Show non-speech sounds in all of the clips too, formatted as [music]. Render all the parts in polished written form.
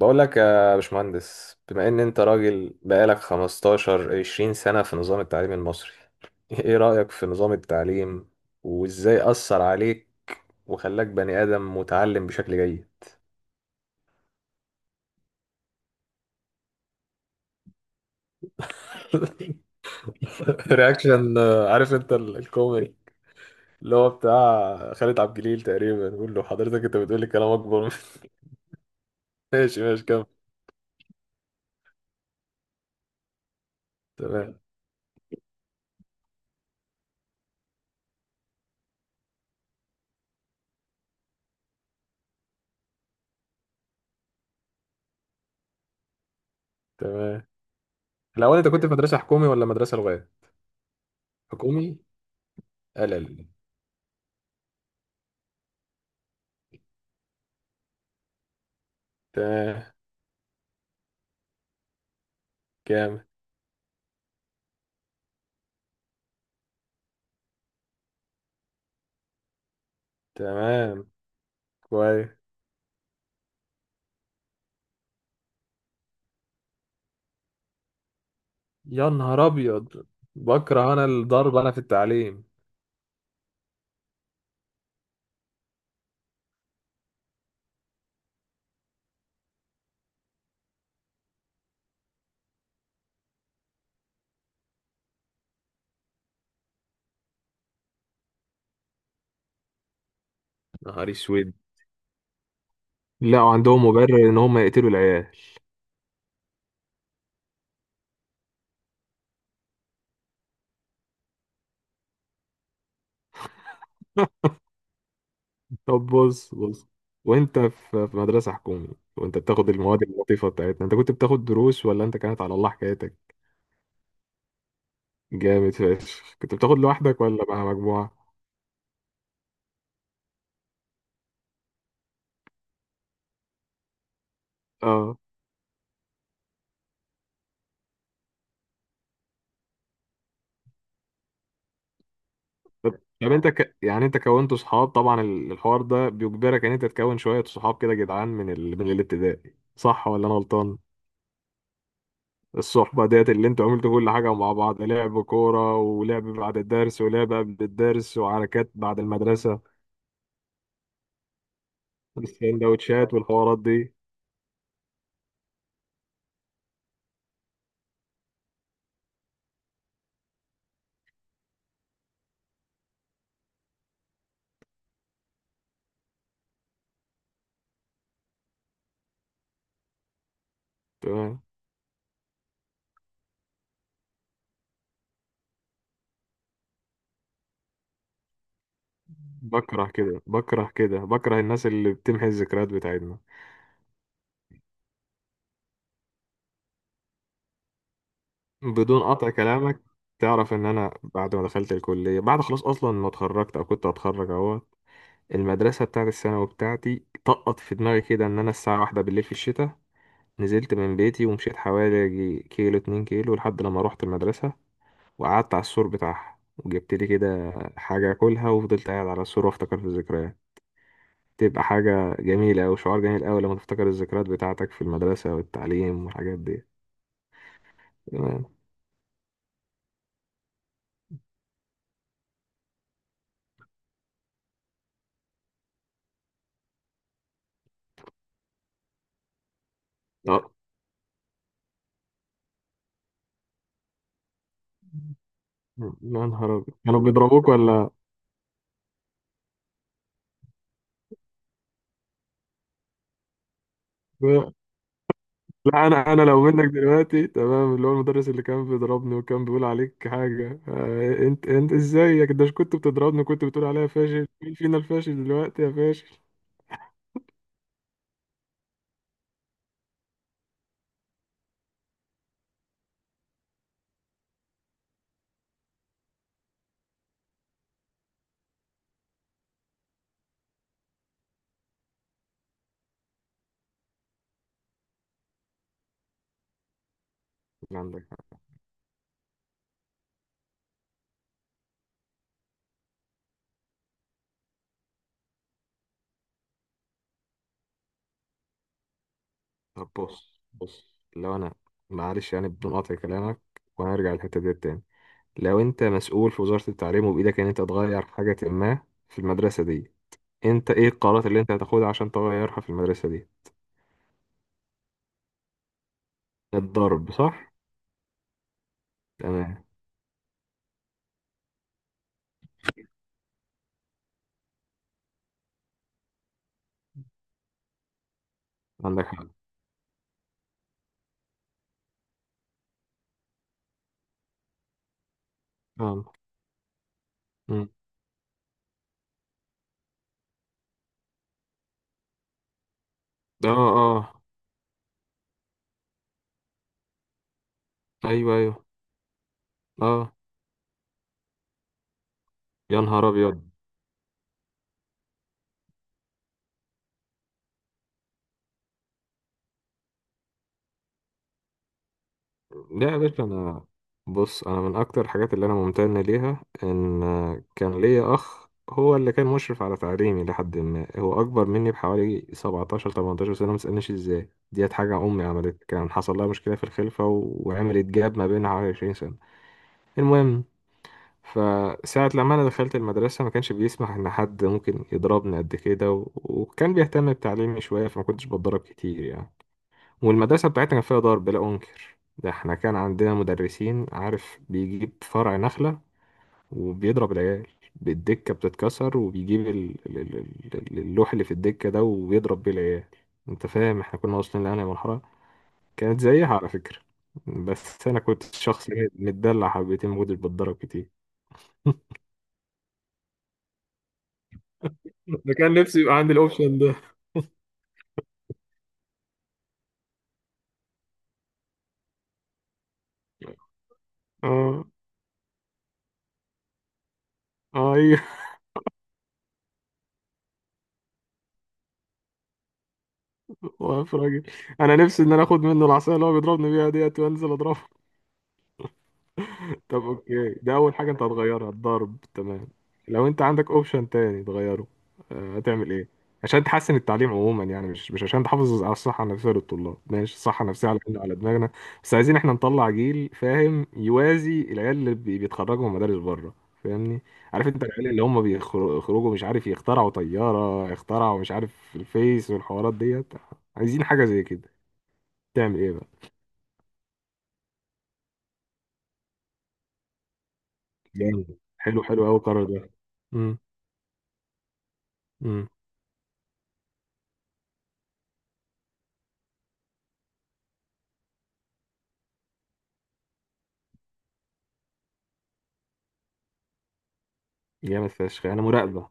بقول لك يا باشمهندس، بما ان انت راجل بقالك 15 20 سنة في نظام التعليم المصري، [laughs] ايه رأيك في نظام التعليم وازاي أثر عليك وخلاك بني آدم متعلم بشكل جيد؟ [laughs] رياكشن. عارف انت الكوميدي اللي هو بتاع خالد عبد الجليل تقريبا بيقول له حضرتك انت بتقول لي كلام اكبر [laughs] ماشي ماشي، كمل. تمام. تمام. الاول انت كنت في مدرسه حكومي ولا مدرسه لغات؟ حكومي. قلل. تمام. كامل. تمام. كويس. يا نهار ابيض! بكره انا الضرب، انا في التعليم. نهار اسود! لا، وعندهم مبرر ان هم يقتلوا العيال. [laughs] طب بص بص، وانت في مدرسة حكومي، وانت بتاخد المواد اللطيفة بتاعتنا، انت كنت بتاخد دروس ولا انت كانت على الله حكايتك؟ جامد فشخ! كنت بتاخد لوحدك ولا مع مجموعة؟ اه. طب طب انت يعني انت كونت صحاب طبعا، الحوار ده بيجبرك ان انت تكون شوية صحاب كده جدعان من من الابتدائي، صح ولا انا غلطان؟ الصحبة ديت اللي انتوا عملتوا كل حاجة مع بعض، لعب كورة، ولعب بعد الدرس، ولعب قبل الدرس، وحركات بعد المدرسة، والسندوتشات والحوارات دي. تمام. بكره كده، بكره كده، بكره الناس اللي بتمحي الذكريات بتاعتنا. بدون قطع كلامك، تعرف ان انا بعد ما دخلت الكلية، بعد خلاص اصلا ما اتخرجت او كنت هتخرج اهو، المدرسة بتاعت الثانوي بتاعتي طقط في دماغي كده ان انا الساعة واحدة بالليل في الشتاء نزلت من بيتي ومشيت حوالي يجي كيلو، اتنين كيلو، لحد لما رحت المدرسة وقعدت على السور بتاعها وجبت لي كده حاجة أكلها وفضلت قاعد على السور وأفتكر في الذكريات. تبقى حاجة جميلة أوي، شعور جميل أوي لما تفتكر الذكريات بتاعتك في المدرسة والتعليم والحاجات دي. تمام. أه، يا نهار أبيض! كانوا بيضربوك ولا؟ لا، أنا لو منك دلوقتي تمام، اللي هو المدرس اللي كان بيضربني وكان بيقول عليك حاجة، أنت إزاي ده كنت بتضربني وكنت بتقول عليا فاشل، مين فينا الفاشل دلوقتي يا فاشل؟ عندك. طب بص بص، لو انا، معلش يعني بدون قطع كلامك، وهنرجع للحته دي تاني، لو انت مسؤول في وزاره التعليم وبايدك ان انت تغير حاجه ما في المدرسه دي، انت ايه القرارات اللي انت هتاخدها عشان تغيرها في المدرسه دي؟ الضرب، صح. تمام. عندك حق. اه. مم. اه. آه. ايوه، ايوه. اه. يا نهار ابيض! لا يا باشا، انا، بص، انا من اكتر الحاجات اللي انا ممتن ليها ان كان ليا اخ هو اللي كان مشرف على تعليمي لحد ما، هو اكبر مني بحوالي 17 18 سنه، ما تسالنيش ازاي ديت، حاجه امي عملت، كان حصل لها مشكله في الخلفه وعملت جاب ما بينها حوالي 20 سنه. المهم، فساعة لما أنا دخلت المدرسة ما كانش بيسمح إن حد ممكن يضربني قد كده، وكان بيهتم بتعليمي شوية، فما كنتش بتضرب كتير يعني. والمدرسة بتاعتنا كان فيها ضرب، لا أنكر ده، احنا كان عندنا مدرسين، عارف، بيجيب فرع نخلة وبيضرب العيال، بالدكة بتتكسر، وبيجيب اللوح اللي في الدكة ده وبيضرب بيه العيال. انت فاهم احنا كنا واصلين لأنهي مرحلة؟ كانت زيها على فكرة. بس أنا كنت شخص متدلع حبتين، ما كنتش بتضرب كتير. [laughs] ده كان نفسي يبقى عندي الاوبشن ده. اه. اه. ايوه. [laughs] واقف راجل. انا نفسي ان انا اخد منه العصايه اللي هو بيضربني بيها ديت وانزل اضربه. طب اوكي، ده اول حاجه انت هتغيرها الضرب، تمام. لو انت عندك اوبشن تاني تغيره، هتعمل ايه عشان تحسن التعليم عموما؟ يعني مش عشان تحافظ على الصحه النفسيه للطلاب، ماشي، الصحه النفسيه على دماغنا، بس عايزين احنا نطلع جيل فاهم يوازي العيال اللي بيتخرجوا من مدارس بره، فاهمني؟ عارف انت العيال اللي هم بيخرجوا، مش عارف، يخترعوا طياره، يخترعوا، مش عارف، الفيس والحوارات ديت، عايزين حاجه زي كده. تعمل ايه بقى؟ جامد! حلو حلو قوي القرار ده. امم امم. جامد فشخ، يعني مراقبة.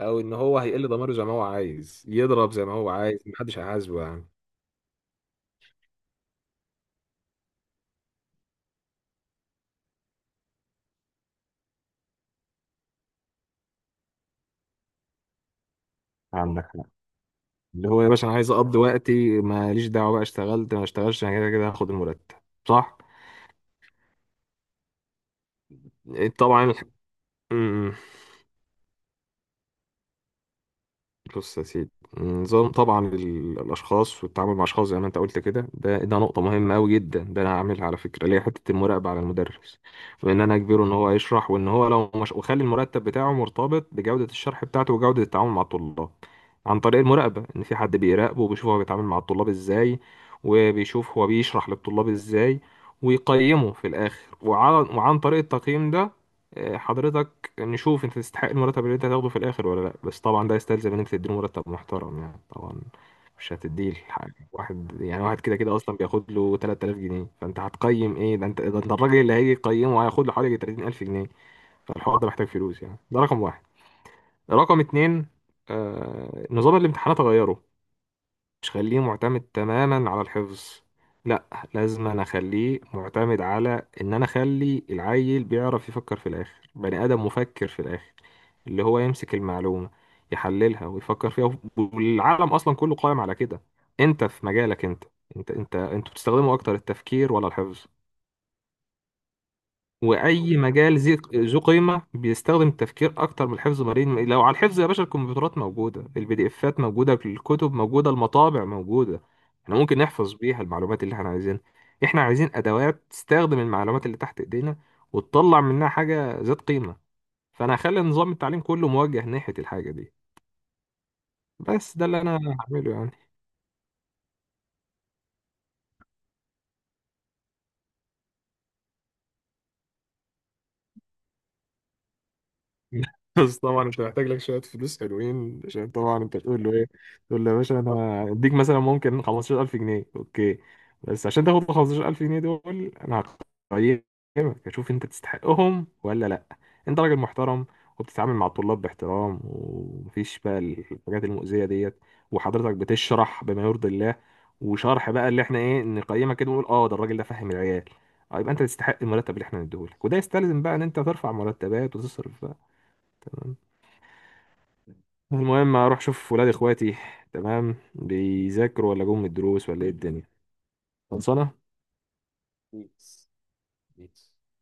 او ان هو هيقل ضميره، زي ما هو عايز يضرب، زي ما هو عايز، محدش هيحاسبه يعني. عندك حق. اللي هو يا باشا انا عايز اقضي وقتي، ماليش دعوه بقى، اشتغلت ما اشتغلش، انا كده كده هاخد المرتب، صح؟ طبعا. مم. بص يا سيدي، نظام، طبعا الاشخاص والتعامل مع اشخاص زي ما انت قلت كده، ده نقطه مهمه قوي جدا، ده انا هعملها على فكره، اللي هي حته المراقبه على المدرس، وان انا اجبره ان هو يشرح، وان هو لو مش، وخلي المرتب بتاعه مرتبط بجوده الشرح بتاعته وجوده التعامل مع الطلاب، عن طريق المراقبه ان في حد بيراقبه وبيشوف هو بيتعامل مع الطلاب ازاي، وبيشوف هو بيشرح للطلاب ازاي، ويقيمه في الاخر، وعن طريق التقييم ده، حضرتك، يعني نشوف انت تستحق المرتب اللي انت هتاخده في الاخر ولا لا، بس طبعا ده يستلزم ان انت تديله مرتب محترم يعني طبعا. مش هتديه الحاجة، واحد يعني، واحد كده كده اصلا بياخد له 3000 جنيه، فانت هتقيم ايه؟ ده انت الراجل اللي هيجي يقيمه هياخد له حوالي 30000 جنيه، فالحوار ده محتاج فلوس يعني. ده رقم واحد. رقم اتنين، نظام الامتحانات غيره، مش خليه معتمد تماما على الحفظ، لا، لازم انا اخليه معتمد على ان انا اخلي العيل بيعرف يفكر في الاخر، بني ادم مفكر في الاخر، اللي هو يمسك المعلومة يحللها ويفكر فيها، والعالم اصلا كله قائم على كده. انت في مجالك، انتوا بتستخدموا اكتر التفكير ولا الحفظ؟ واي مجال ذو قيمه بيستخدم التفكير اكتر من الحفظ. مرين، لو على الحفظ يا باشا، الكمبيوترات موجوده، البي دي افات موجوده، الكتب موجوده، المطابع موجوده، احنا ممكن نحفظ بيها المعلومات اللي احنا عايزينها، احنا عايزين ادوات تستخدم المعلومات اللي تحت ايدينا وتطلع منها حاجه ذات قيمه. فانا هخلي نظام التعليم كله موجه ناحيه الحاجه دي، بس ده اللي انا هعمله يعني. [laughs] بس طبعا انت محتاج لك شويه فلوس حلوين، عشان طبعا انت تقول له ايه؟ تقول له يا باشا، انا هديك مثلا ممكن 15000 جنيه، اوكي، بس عشان تاخد ال 15000 جنيه دول انا هقيمك اشوف انت تستحقهم ولا لا، انت راجل محترم وبتتعامل مع الطلاب باحترام، ومفيش بقى الحاجات المؤذيه ديت، وحضرتك بتشرح بما يرضي الله، وشرح بقى اللي احنا ايه، نقيمك كده ونقول اه ده الراجل ده فاهم العيال، اه يبقى انت تستحق المرتب اللي احنا نديهولك، وده يستلزم بقى ان انت ترفع مرتبات وتصرف. تمام. المهم اروح اشوف ولاد اخواتي، تمام بيذاكروا ولا جم من الدروس ولا ايه الدنيا. خلصانه. بيس. بيس.